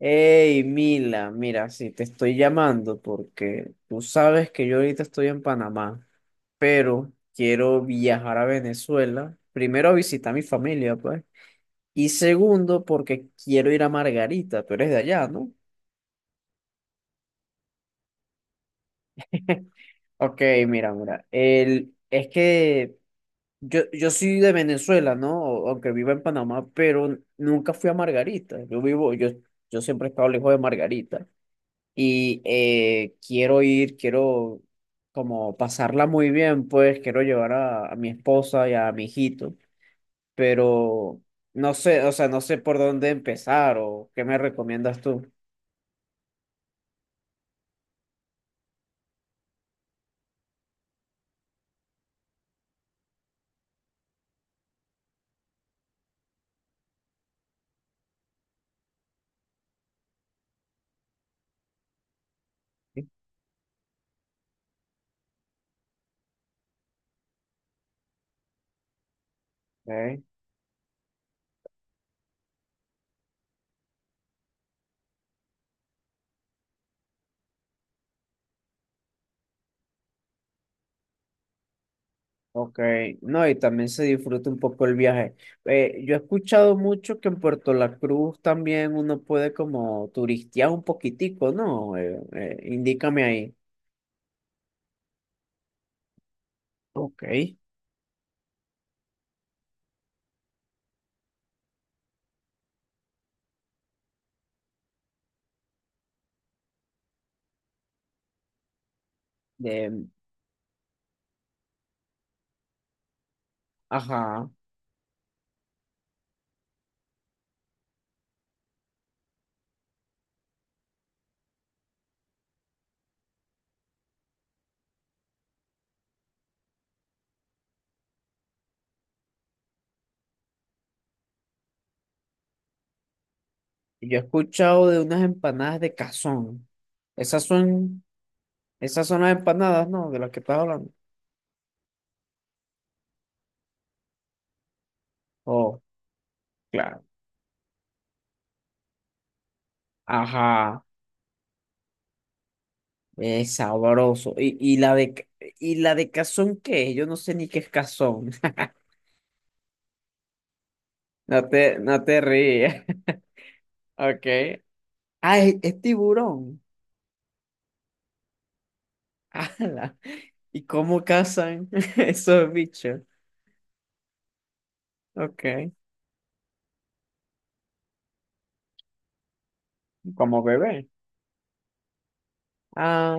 Hey, Mila, mira, sí, te estoy llamando porque tú sabes que yo ahorita estoy en Panamá, pero quiero viajar a Venezuela. Primero a visitar a mi familia, pues. Y segundo, porque quiero ir a Margarita, tú eres de allá, ¿no? Ok, mira, mira, es que yo soy de Venezuela, ¿no? Aunque vivo en Panamá, pero nunca fui a Margarita. Yo siempre he estado lejos de Margarita. Y quiero como pasarla muy bien, pues quiero llevar a mi esposa y a mi hijito, pero no sé, o sea, no sé por dónde empezar o qué me recomiendas tú. Okay, okay. No, y también se disfruta un poco el viaje. Yo he escuchado mucho que en Puerto La Cruz también uno puede como turistear un poquitico, ¿no? Indícame ahí. Okay. De, ajá. Yo he escuchado de unas empanadas de cazón. Esas son, esas son las empanadas, ¿no? De las que estás hablando. Oh, claro. Ajá, es sabroso. Y la de cazón, ¿qué es? Yo no sé ni qué es cazón. No te ríes. Ok. Ah, es tiburón. Ala. ¿Y cómo cazan esos bichos? Ok. Como bebé. Ah,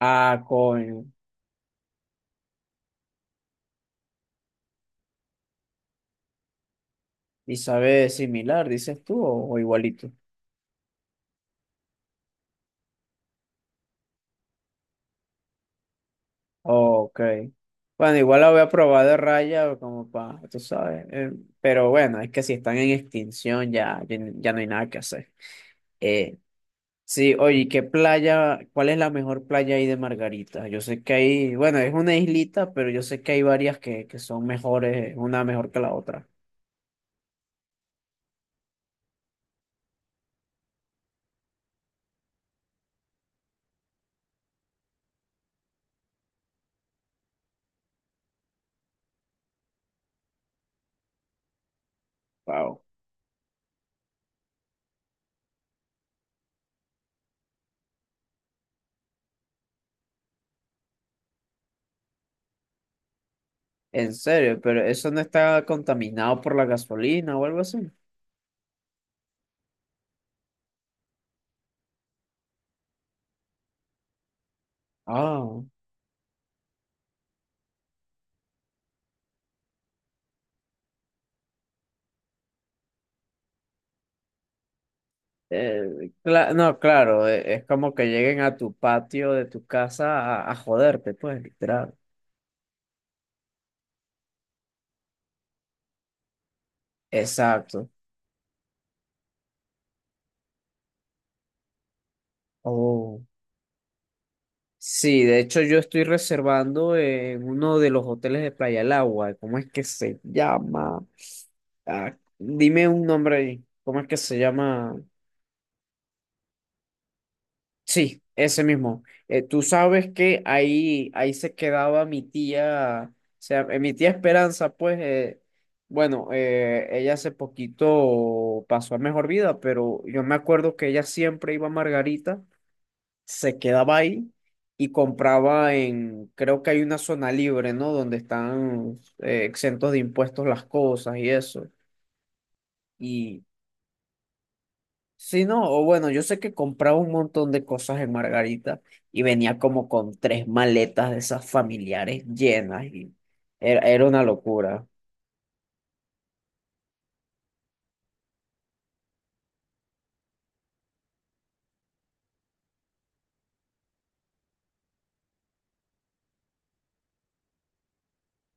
ah, coño. ¿Y sabe similar, dices tú, o igualito? Ok. Bueno, igual la voy a probar de raya, como para, tú sabes. Pero bueno, es que si están en extinción ya, ya, ya no hay nada que hacer. Eh, sí, oye, ¿qué playa? ¿Cuál es la mejor playa ahí de Margarita? Yo sé que hay, bueno, es una islita, pero yo sé que hay varias que son mejores, una mejor que la otra. Wow. En serio, pero eso no está contaminado por la gasolina o algo así. Ah. No, claro, es como que lleguen a tu patio de tu casa a joderte, pues, literal. Exacto. Oh. Sí, de hecho yo estoy reservando en uno de los hoteles de Playa del Agua. ¿Cómo es que se llama? Ah, dime un nombre ahí. ¿Cómo es que se llama? Sí, ese mismo. Tú sabes que ahí se quedaba mi tía, o sea, mi tía Esperanza, pues, bueno, ella hace poquito pasó a mejor vida, pero yo me acuerdo que ella siempre iba a Margarita, se quedaba ahí y compraba en, creo que hay una zona libre, ¿no? Donde están exentos de impuestos las cosas y eso. Y sí, no, o bueno, yo sé que compraba un montón de cosas en Margarita y venía como con tres maletas de esas familiares llenas y era una locura.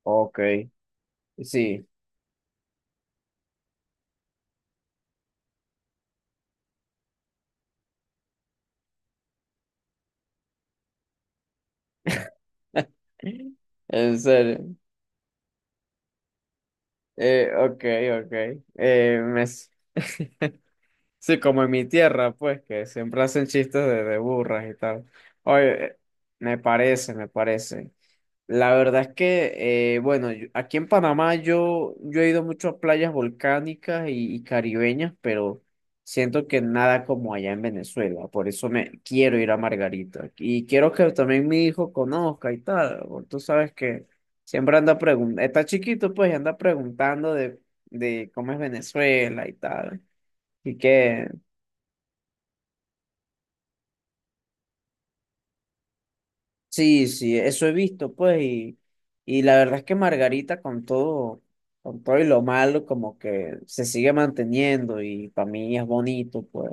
Ok, sí, en serio. Ok, ok. Eh, me s- Sí, como en mi tierra, pues, que siempre hacen chistes de burras y tal. Oye, me parece, me parece. La verdad es que, bueno, aquí en Panamá yo he ido mucho a playas volcánicas y caribeñas, pero siento que nada como allá en Venezuela. Por eso me quiero ir a Margarita. Y quiero que también mi hijo conozca y tal. Porque tú sabes que siempre anda preguntando, está chiquito pues y anda preguntando de cómo es Venezuela y tal. Y que sí, sí, eso he visto, pues, y la verdad es que Margarita con todo y lo malo, como que se sigue manteniendo y para mí es bonito, pues,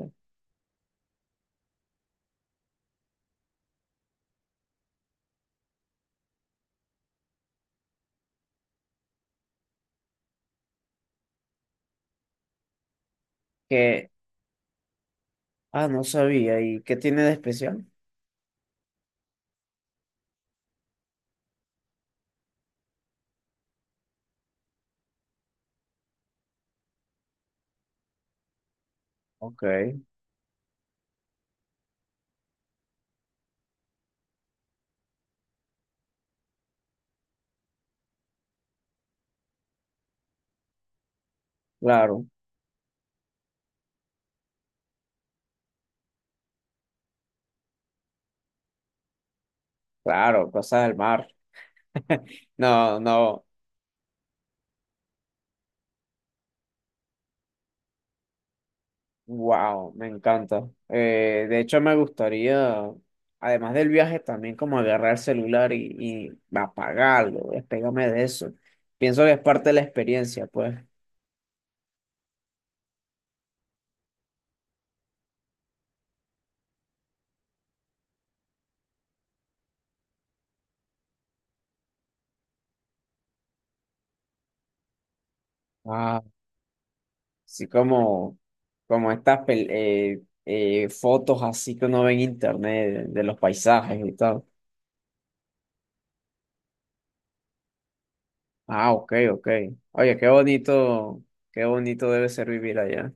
que, ah, no sabía, ¿y qué tiene de especial? Ok, claro, claro, cosas del mar. No, no, wow, me encanta. De hecho, me gustaría, además del viaje, también como agarrar el celular y apagarlo, despegarme de eso. Pienso que es parte de la experiencia, pues. Ah, sí, como, como estas fotos así que uno ve en internet de los paisajes y tal. Ah, ok, ok. Oye, qué bonito debe ser vivir allá.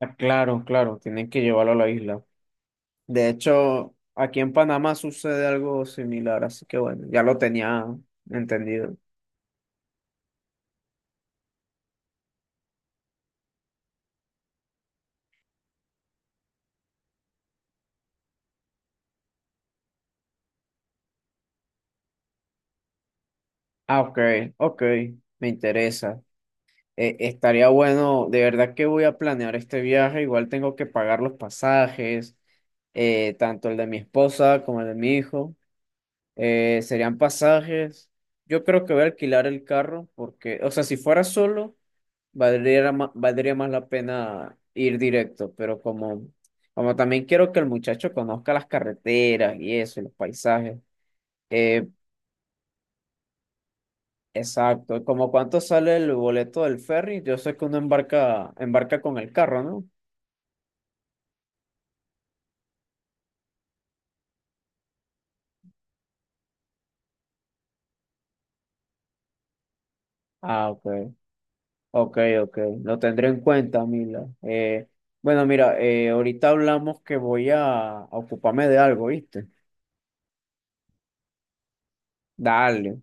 Ah, claro, claro, tienen que llevarlo a la isla. De hecho, aquí en Panamá sucede algo similar, así que bueno, ya lo tenía entendido. Ah, ok, ok, me interesa. Estaría bueno, de verdad que voy a planear este viaje, igual tengo que pagar los pasajes, tanto el de mi esposa como el de mi hijo. Serían pasajes. Yo creo que voy a alquilar el carro porque, o sea, si fuera solo, valdría más la pena ir directo, pero como, como también quiero que el muchacho conozca las carreteras y eso, y los paisajes. eh, exacto, como cuánto sale el boleto del ferry, yo sé que uno embarca, embarca con el carro, ¿no? Ah, ok, ok, ok. Lo tendré en cuenta, Mila. Bueno, mira, ahorita hablamos que voy a ocuparme de algo, ¿viste? Dale.